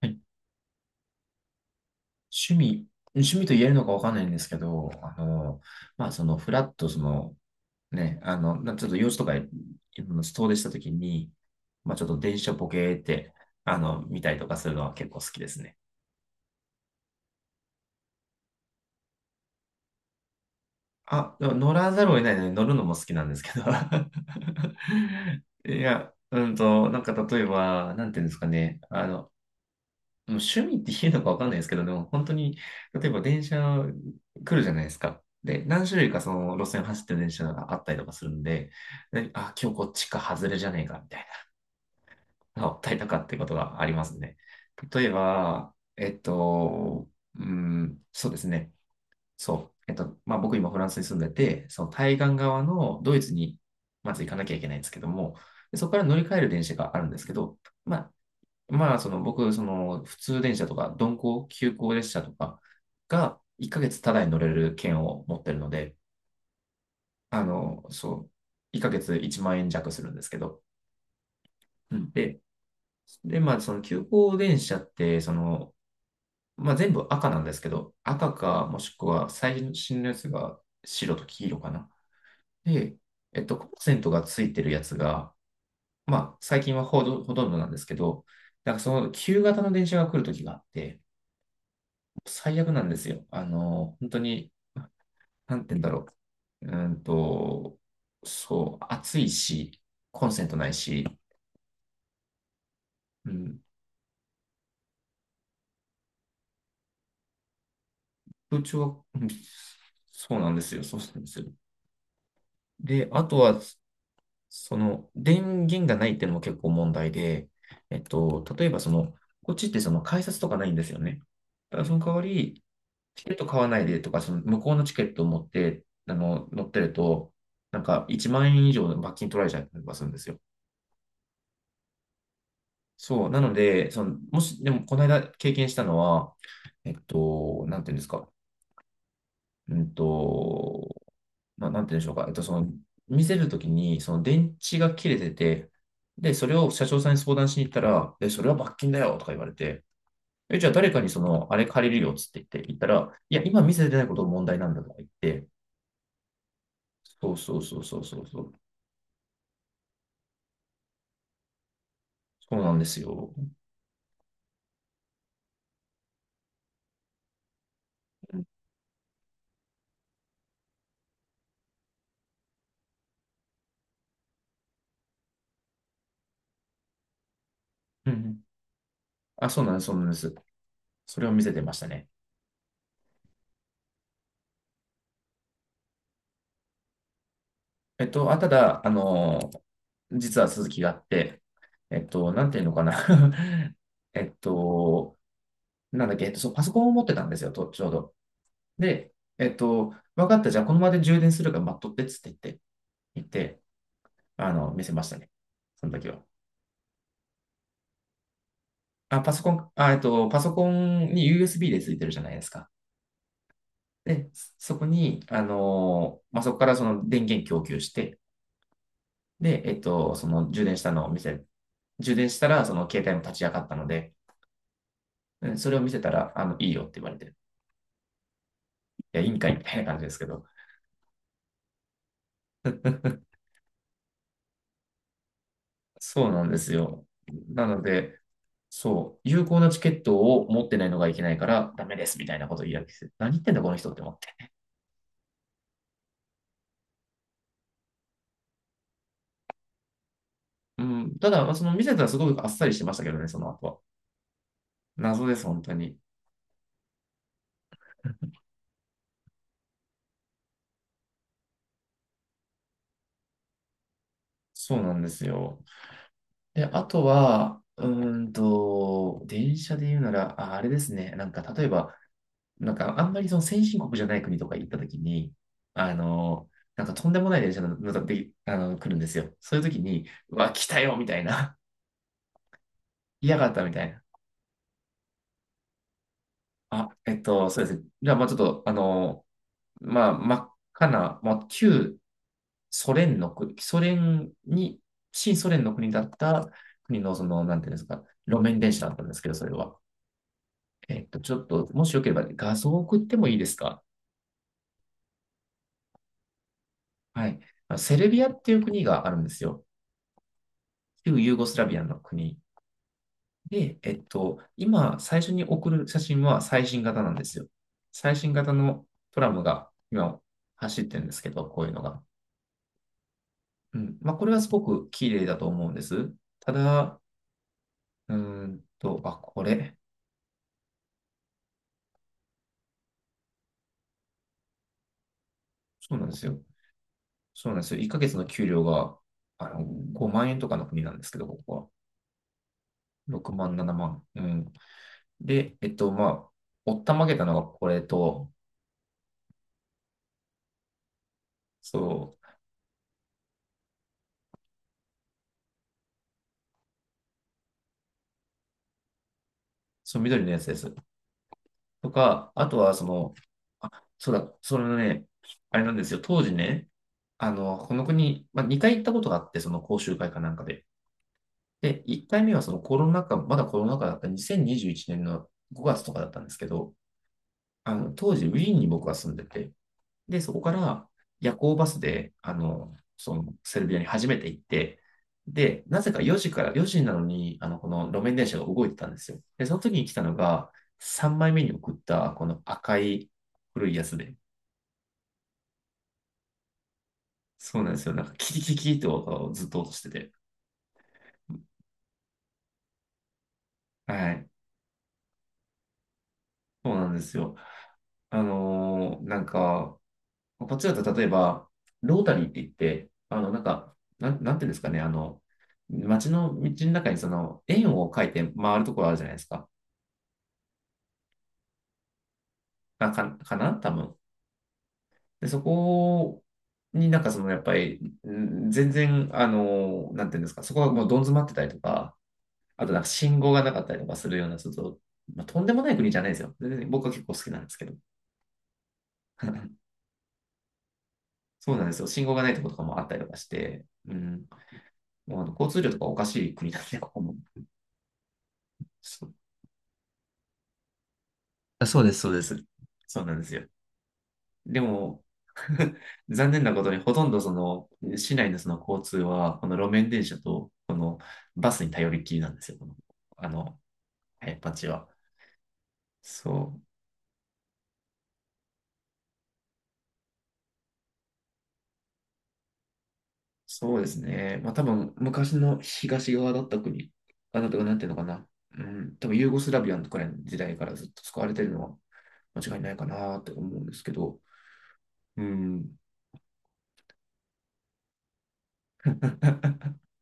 はい。趣味、趣味と言えるのかわかんないんですけど、まあ、フラッと、ね、ちょっと用事とか、遠出したときに、まあ、ちょっと電車ボケーって、見たりとかするのは結構好きですね。あ、でも乗らざるを得ないので乗るのも好きなんですけど。いや、なんか例えば、なんていうんですかね、もう趣味って言うのかわかんないですけど、でも本当に、例えば電車来るじゃないですか。で、何種類かその路線走ってる電車があったりとかするんで、であ、今日こっちか外れじゃねえかみたいな、あったりとかってことがありますね。例えば、うん、そうですね。そう。まあ僕今フランスに住んでて、その対岸側のドイツにまず行かなきゃいけないんですけども、でそこから乗り換える電車があるんですけど、まあまあ、僕、その普通電車とか、鈍行、急行列車とかが1ヶ月ただに乗れる券を持ってるので、そう、1ヶ月1万円弱するんですけど、うんで、で、まあ、その急行電車って、まあ、全部赤なんですけど、赤か、もしくは最新のやつが白と黄色かな。で、コンセントがついてるやつが、まあ、最近はほとんどなんですけど、なんかその旧型の電車が来るときがあって、最悪なんですよ。本当に、なんて言うんだろう。そう、暑いし、コンセントないし、うん、空調は、うんそうなんですよ。そうなんですよ。で、あとは、電源がないっていうのも結構問題で、例えばこっちってその改札とかないんですよね。だからその代わり、チケット買わないでとか、その向こうのチケットを持って、乗ってると、なんか1万円以上の罰金取られちゃったりとかするんですよ。そう。なので、もし、でも、この間経験したのは、なんていうんですか。うんと、まあ、なんていうんでしょうか。見せるときに、その電池が切れてて、で、それを社長さんに相談しに行ったら、え、それは罰金だよとか言われて、え、じゃあ誰かにあれ借りるよっつって言って、言ったら、いや、今見せてないことが問題なんだとか言って、そうそうそうそうそうそう、そうなんですよ。うんうん。あ、そうなんです、そうなんです。それを見せてましたね。あ、ただ、実は続きがあって、なんていうのかな。 えっと、なんだっけ、そう、パソコンを持ってたんですよ、と、ちょうど。で、えっと、分かった、じゃあこの場で充電するから待っとってっつって言って、言って、見せましたね。その時は。あ、パソコンに USB でついてるじゃないですか。で、そこに、まあ、そこからその電源供給して、で、その充電したのを充電したら、その携帯も立ち上がったので、うんそれを見せたら、いいよって言われて、いや、いいんかいみたいな感じですけど。そうなんですよ。なので、そう、有効なチケットを持ってないのがいけないから、ダメですみたいなことを言い訳して、何言ってんだ、この人って思って。うん、ただ、まあ見せたらすごくあっさりしてましたけどね、その後は。謎です、本当に。そうなんですよ。で、あとは、電車で言うなら、あ、あれですね。なんか、例えば、なんかあんまりその先進国じゃない国とか行った時に、あの、なんかとんでもない電車が乗って来るんですよ。そういう時に、うわ、来たよみたいな。嫌がったみたいな。あ、そうですね。じゃあ、まあちょっと、まあ真っ赤な、まあ旧ソ連の国、ソ連に、新ソ連の国だった国の、なんていうんですか、路面電車だったんですけど、それは。ちょっと、もしよければ画像を送ってもいいですか？はい。セルビアっていう国があるんですよ。旧ユーゴスラビアの国。で、今、最初に送る写真は最新型なんですよ。最新型のトラムが今走ってるんですけど、こういうのが。うん。まあ、これはすごく綺麗だと思うんです。ただ、うーあ、これ。そうなんですよ。そうなんですよ。1ヶ月の給料が、あの、5万円とかの国なんですけど、ここは。6万、7万。うん。で、まあ、おったまげたのがこれと、そう、そう、緑のやつです。とか、あとはあ、そうだ、それね、あれなんですよ、当時ね、この国、まあ、2回行ったことがあって、その講習会かなんかで。で、1回目はそのコロナ禍、まだコロナ禍だった2021年の5月とかだったんですけど、当時ウィーンに僕は住んでて、で、そこから夜行バスで、そのセルビアに初めて行って、で、なぜか4時から、4時なのに、この路面電車が動いてたんですよ。で、その時に来たのが、3枚目に送った、この赤い古いやつで。そうなんですよ。なんか、キリキリキリって音がずっと落としてて。はい。そうなんですよ。なんか、パツだと例えば、ロータリーって言って、なんか、なんていうんですかね、街の道の中にその円を描いて回るところあるじゃないですか。あか、かな多分。で、そこになんかやっぱり、全然、なんていうんですか、そこがもうどん詰まってたりとか、あとなんか信号がなかったりとかするような、ちょっと、まあ、とんでもない国じゃないですよ。全然僕は結構好きなんですけど。そうなんですよ。信号がないところとかもあったりとかして、うん、もうあの交通量とかおかしい国なんで、ここも。そそうです、そうです。そうなんですよ。でも、残念なことに、ほとんど市内のその交通は、この路面電車と、このバスに頼りっきりなんですよ、この、あの、早っぱチは。そう、そうですね。まあ多分、昔の東側だった国、あ、なたがなんていうのかな。うん、多分ユーゴスラビアのくらいの時代からずっと使われてるのは間違いないかなって思うんですけど、うん。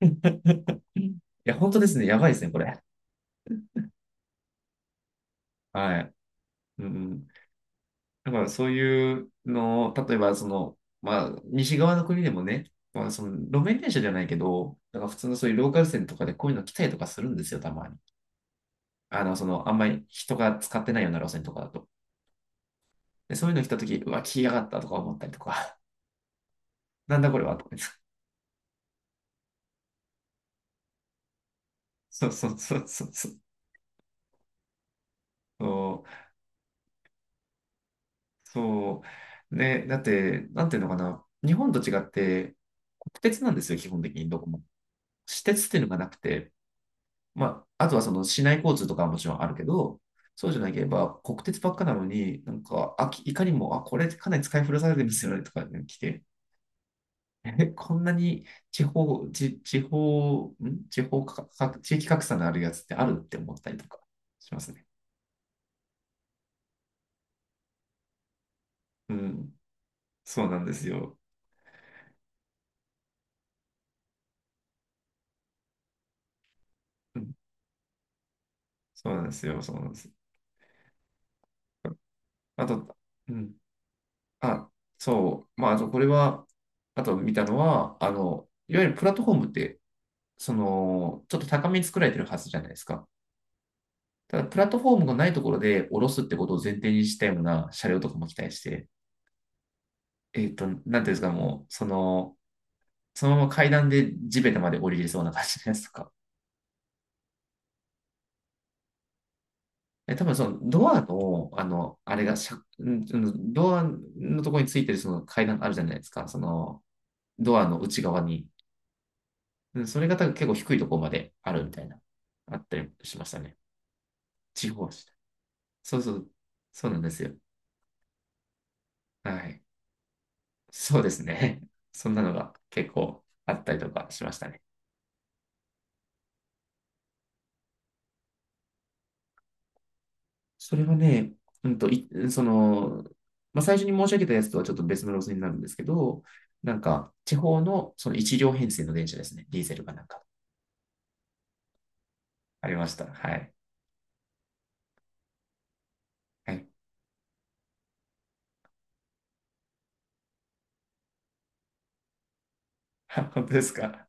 いや、本当ですね。やばいですね、これ。はい。うん。だからそういうのを、例えばまあ、西側の国でもね、まあ、その路面電車じゃないけど、なんか普通のそういうローカル線とかでこういうの来たりとかするんですよ、たまに。あんまり人が使ってないような路線とかだと。で、そういうの来たとき、うわ、来やがったとか思ったりとか、なんだこれはとか言って。そうそうそうそうそう。そう。そうね、だって、なんていうのかな、日本と違って、国鉄なんですよ、基本的にどこも。私鉄っていうのがなくて、まあ、あとはその市内交通とかはもちろんあるけど、そうじゃなければ国鉄ばっかなのに、なんか、あ、きいかにも、あ、これかなり使い古されてますよねとかね来て、え、こんなに地方、地、地方、ん地方かか、地域格差のあるやつってあるって思ったりとかしますね。うん、そうなんですよ。うん、そうなんですよ。そうなんです。あと、うん、あ、そう、まあ、あとこれは、あと見たのは、いわゆるプラットフォームってちょっと高めに作られてるはずじゃないですか。ただ、プラットフォームがないところで降ろすってことを前提にしたような車両とかも期待して、なんていうんですか、もう、そのまま階段で地べたまで降りれそうな感じのやつとか。え、多分そのドアの、あの、あれがしゃ、んドアのところについてるその階段あるじゃないですか。ドアの内側に。それが多分結構低いところまであるみたいな、あったりしましたね。地方はした。そうそう、そうなんですよ。はい。そうですね。そんなのが結構あったりとかしましたね。それはね、うんと、い、その、まあ、最初に申し上げたやつとはちょっと別の路線になるんですけど、なんか、地方のその一両編成の電車ですね。ディーゼルかなんか。ありました。はい。はい。本当ですか？